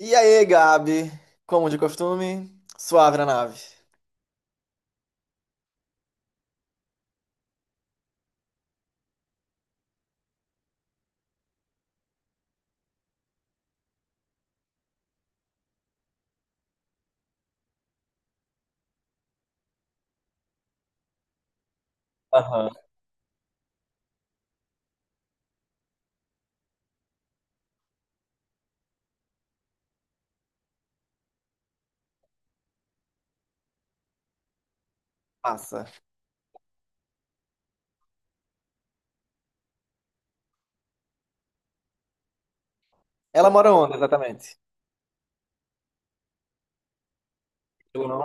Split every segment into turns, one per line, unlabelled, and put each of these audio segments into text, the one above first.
E aí, Gabi? Como de costume, suave na nave. Aham. Massa. Ela mora onde, exatamente? Eu não.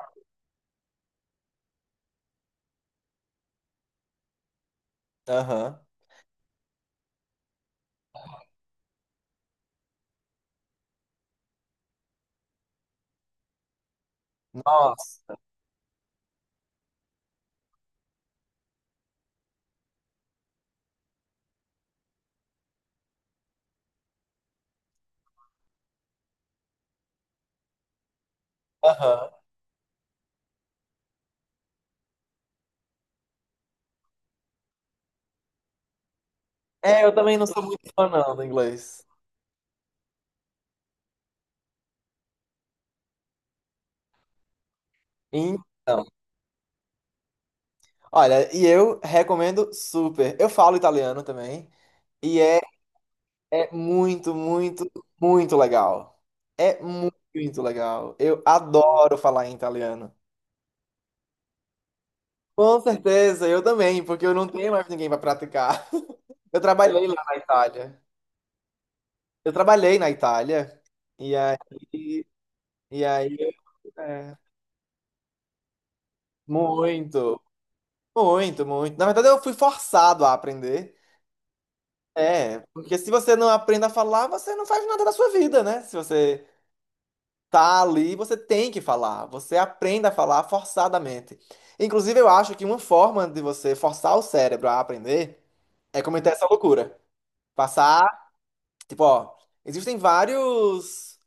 Aham. Nossa. Aham. É, eu também não sou muito fã, não, do inglês. Então, olha, e eu recomendo super. Eu falo italiano também. E é muito, muito, muito legal. É muito legal. Eu adoro falar em italiano. Com certeza, eu também, porque eu não tenho mais ninguém para praticar. Eu trabalhei lá na Itália. Eu trabalhei na Itália e aí, e aí é, muito, muito, muito. Na verdade, eu fui forçado a aprender. É, porque se você não aprende a falar, você não faz nada da sua vida, né? Se você tá ali, você tem que falar. Você aprende a falar forçadamente. Inclusive, eu acho que uma forma de você forçar o cérebro a aprender é cometer essa loucura. Passar, tipo, ó, existem vários,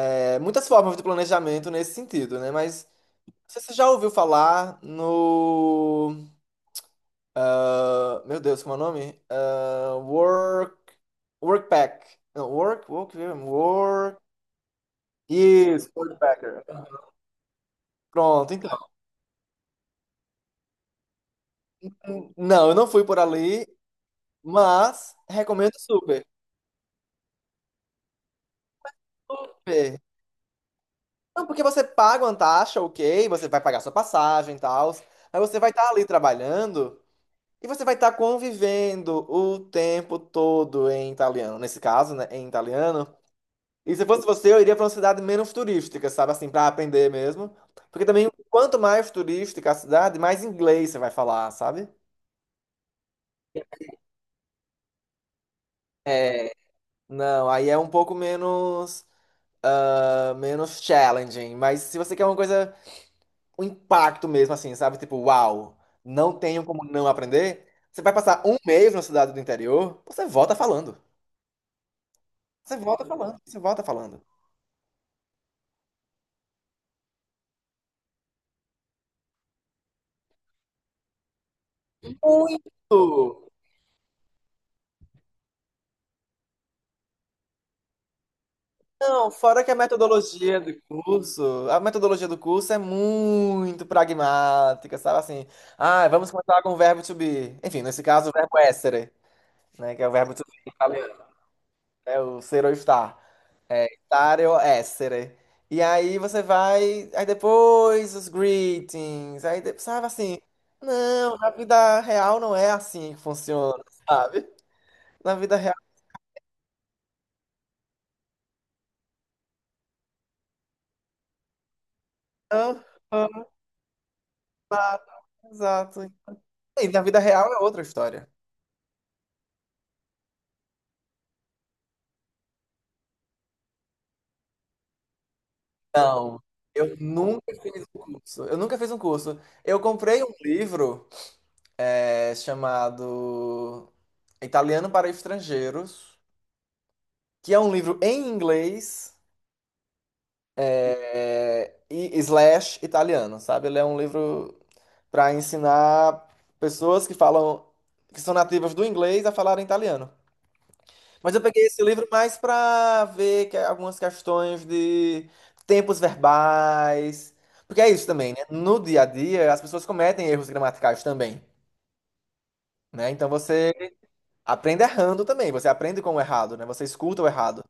muitas formas de planejamento nesse sentido, né? Mas não sei se você já ouviu falar no. Ah, meu Deus, como é o nome? Ah, work. Workpack. Não, work, work, work. Isso, Workpacker. Pronto, então. Não, eu não fui por ali, mas recomendo super. Super. Não, porque você paga uma taxa, ok, você vai pagar sua passagem e tal, mas você vai estar ali trabalhando e você vai estar convivendo o tempo todo em italiano. Nesse caso, né, em italiano. E se fosse você, eu iria para uma cidade menos turística, sabe? Assim, para aprender mesmo. Porque também, quanto mais turística a cidade, mais inglês você vai falar, sabe? É, não, aí é um pouco menos, menos challenging. Mas se você quer uma coisa, um impacto mesmo, assim, sabe? Tipo, uau, não tenho como não aprender. Você vai passar um mês na cidade do interior, você volta falando. Você volta falando, você volta falando. Muito! Não, fora que a metodologia do curso é muito pragmática, sabe assim? Ah, vamos começar com o verbo to be. Enfim, nesse caso, o verbo essere, né? Que é o verbo to be em italiano, né? O ser ou estar. É, stare ou essere. E aí você vai, aí depois os greetings, aí, sabe assim? Não, na vida real não é assim que funciona, sabe? Na vida real, não, não, não, exato. E na vida real é outra história. Não, eu nunca fiz um curso. Eu nunca fiz um curso. Eu comprei um livro chamado Italiano para Estrangeiros, que é um livro em inglês e slash italiano, sabe? Ele é um livro para ensinar pessoas que falam, que são nativas do inglês a falar italiano. Mas eu peguei esse livro mais para ver algumas questões de tempos verbais. Porque é isso também, né? No dia a dia, as pessoas cometem erros gramaticais também, né? Então você aprende errando também, você aprende com o errado, né? Você escuta o errado.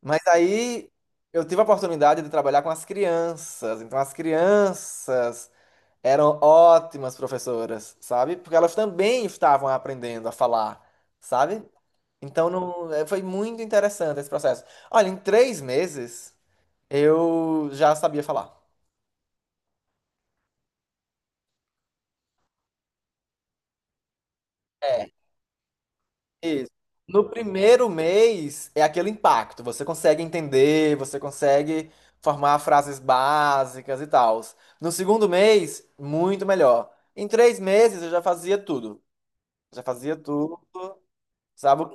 Mas aí eu tive a oportunidade de trabalhar com as crianças. Então as crianças eram ótimas professoras, sabe? Porque elas também estavam aprendendo a falar, sabe? Então não, foi muito interessante esse processo. Olha, em 3 meses eu já sabia falar. É, isso. No primeiro mês é aquele impacto, você consegue entender, você consegue formar frases básicas e tal. No segundo mês, muito melhor. Em três meses eu já fazia tudo. Já fazia tudo. Sabe?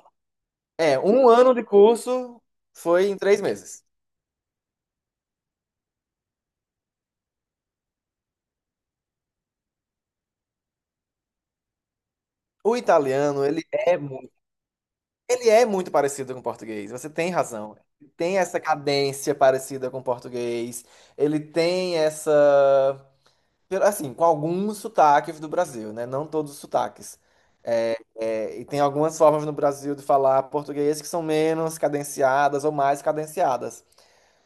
É, um ano de curso foi em 3 meses. O italiano, ele é muito parecido com o português. Você tem razão. Tem essa cadência parecida com o português. Ele tem essa, assim, com alguns sotaques do Brasil, né? Não todos os sotaques. É, e tem algumas formas no Brasil de falar português que são menos cadenciadas ou mais cadenciadas.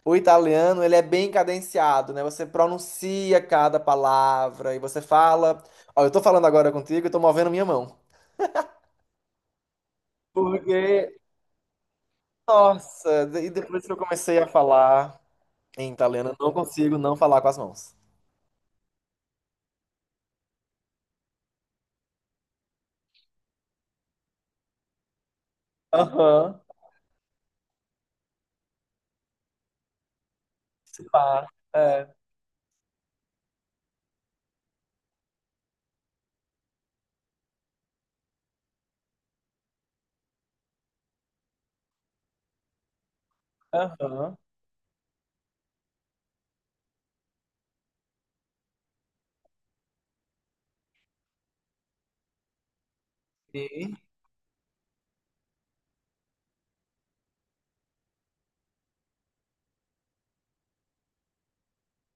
O italiano, ele é bem cadenciado, né? Você pronuncia cada palavra e você fala. Ó, eu tô falando agora contigo e tô movendo minha mão. Porque, nossa, e depois que eu comecei a falar em italiano, eu não consigo não falar com as mãos. Aham, tá, é, aham, sim.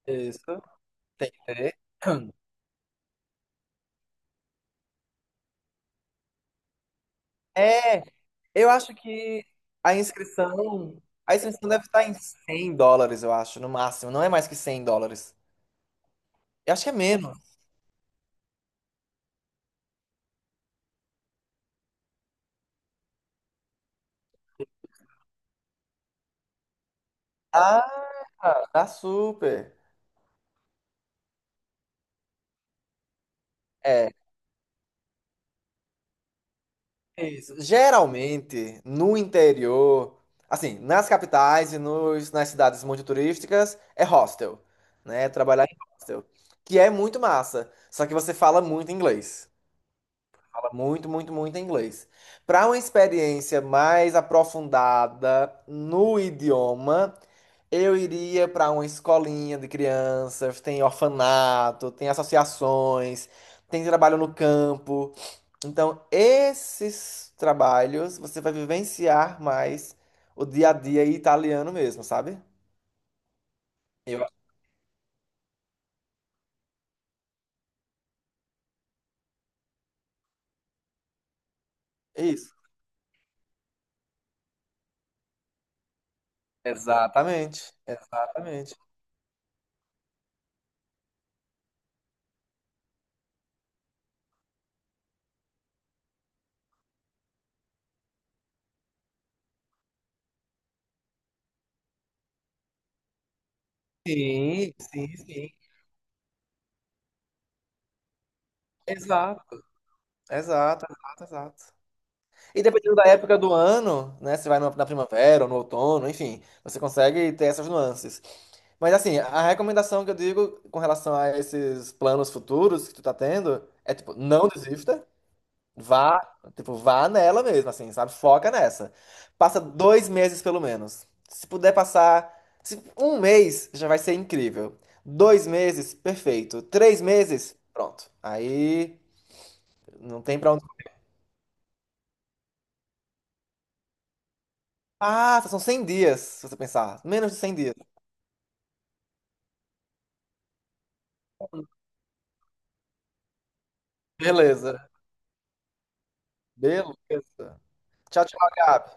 Isso, é. É, eu acho que a inscrição deve estar em US$ 100, eu acho, no máximo. Não é mais que US$ 100. Eu acho que é menos. Ah, tá super. É, isso. Geralmente, no interior, assim, nas capitais e nas cidades muito turísticas, é hostel, né? É trabalhar em hostel, que é muito massa, só que você fala muito inglês. Fala muito, muito, muito inglês. Para uma experiência mais aprofundada no idioma, eu iria para uma escolinha de crianças, tem orfanato, tem associações, tem trabalho no campo. Então, esses trabalhos você vai vivenciar mais o dia a dia italiano mesmo, sabe? Eu acho que é isso. Exatamente, exatamente. Sim, sim, sim. Exato, exato, exato, exato. E dependendo da época do ano, né? Se vai na primavera ou no outono, enfim, você consegue ter essas nuances. Mas assim, a recomendação que eu digo com relação a esses planos futuros que tu tá tendo é tipo, não desista. Vá, tipo, vá nela mesmo, assim, sabe? Foca nessa. Passa 2 meses pelo menos. Se puder passar um mês, já vai ser incrível. 2 meses, perfeito. 3 meses, pronto. Aí não tem pra onde. Ah, são 100 dias, se você pensar. Menos de 100 dias. Beleza. Beleza. Tchau, tchau, Gabi.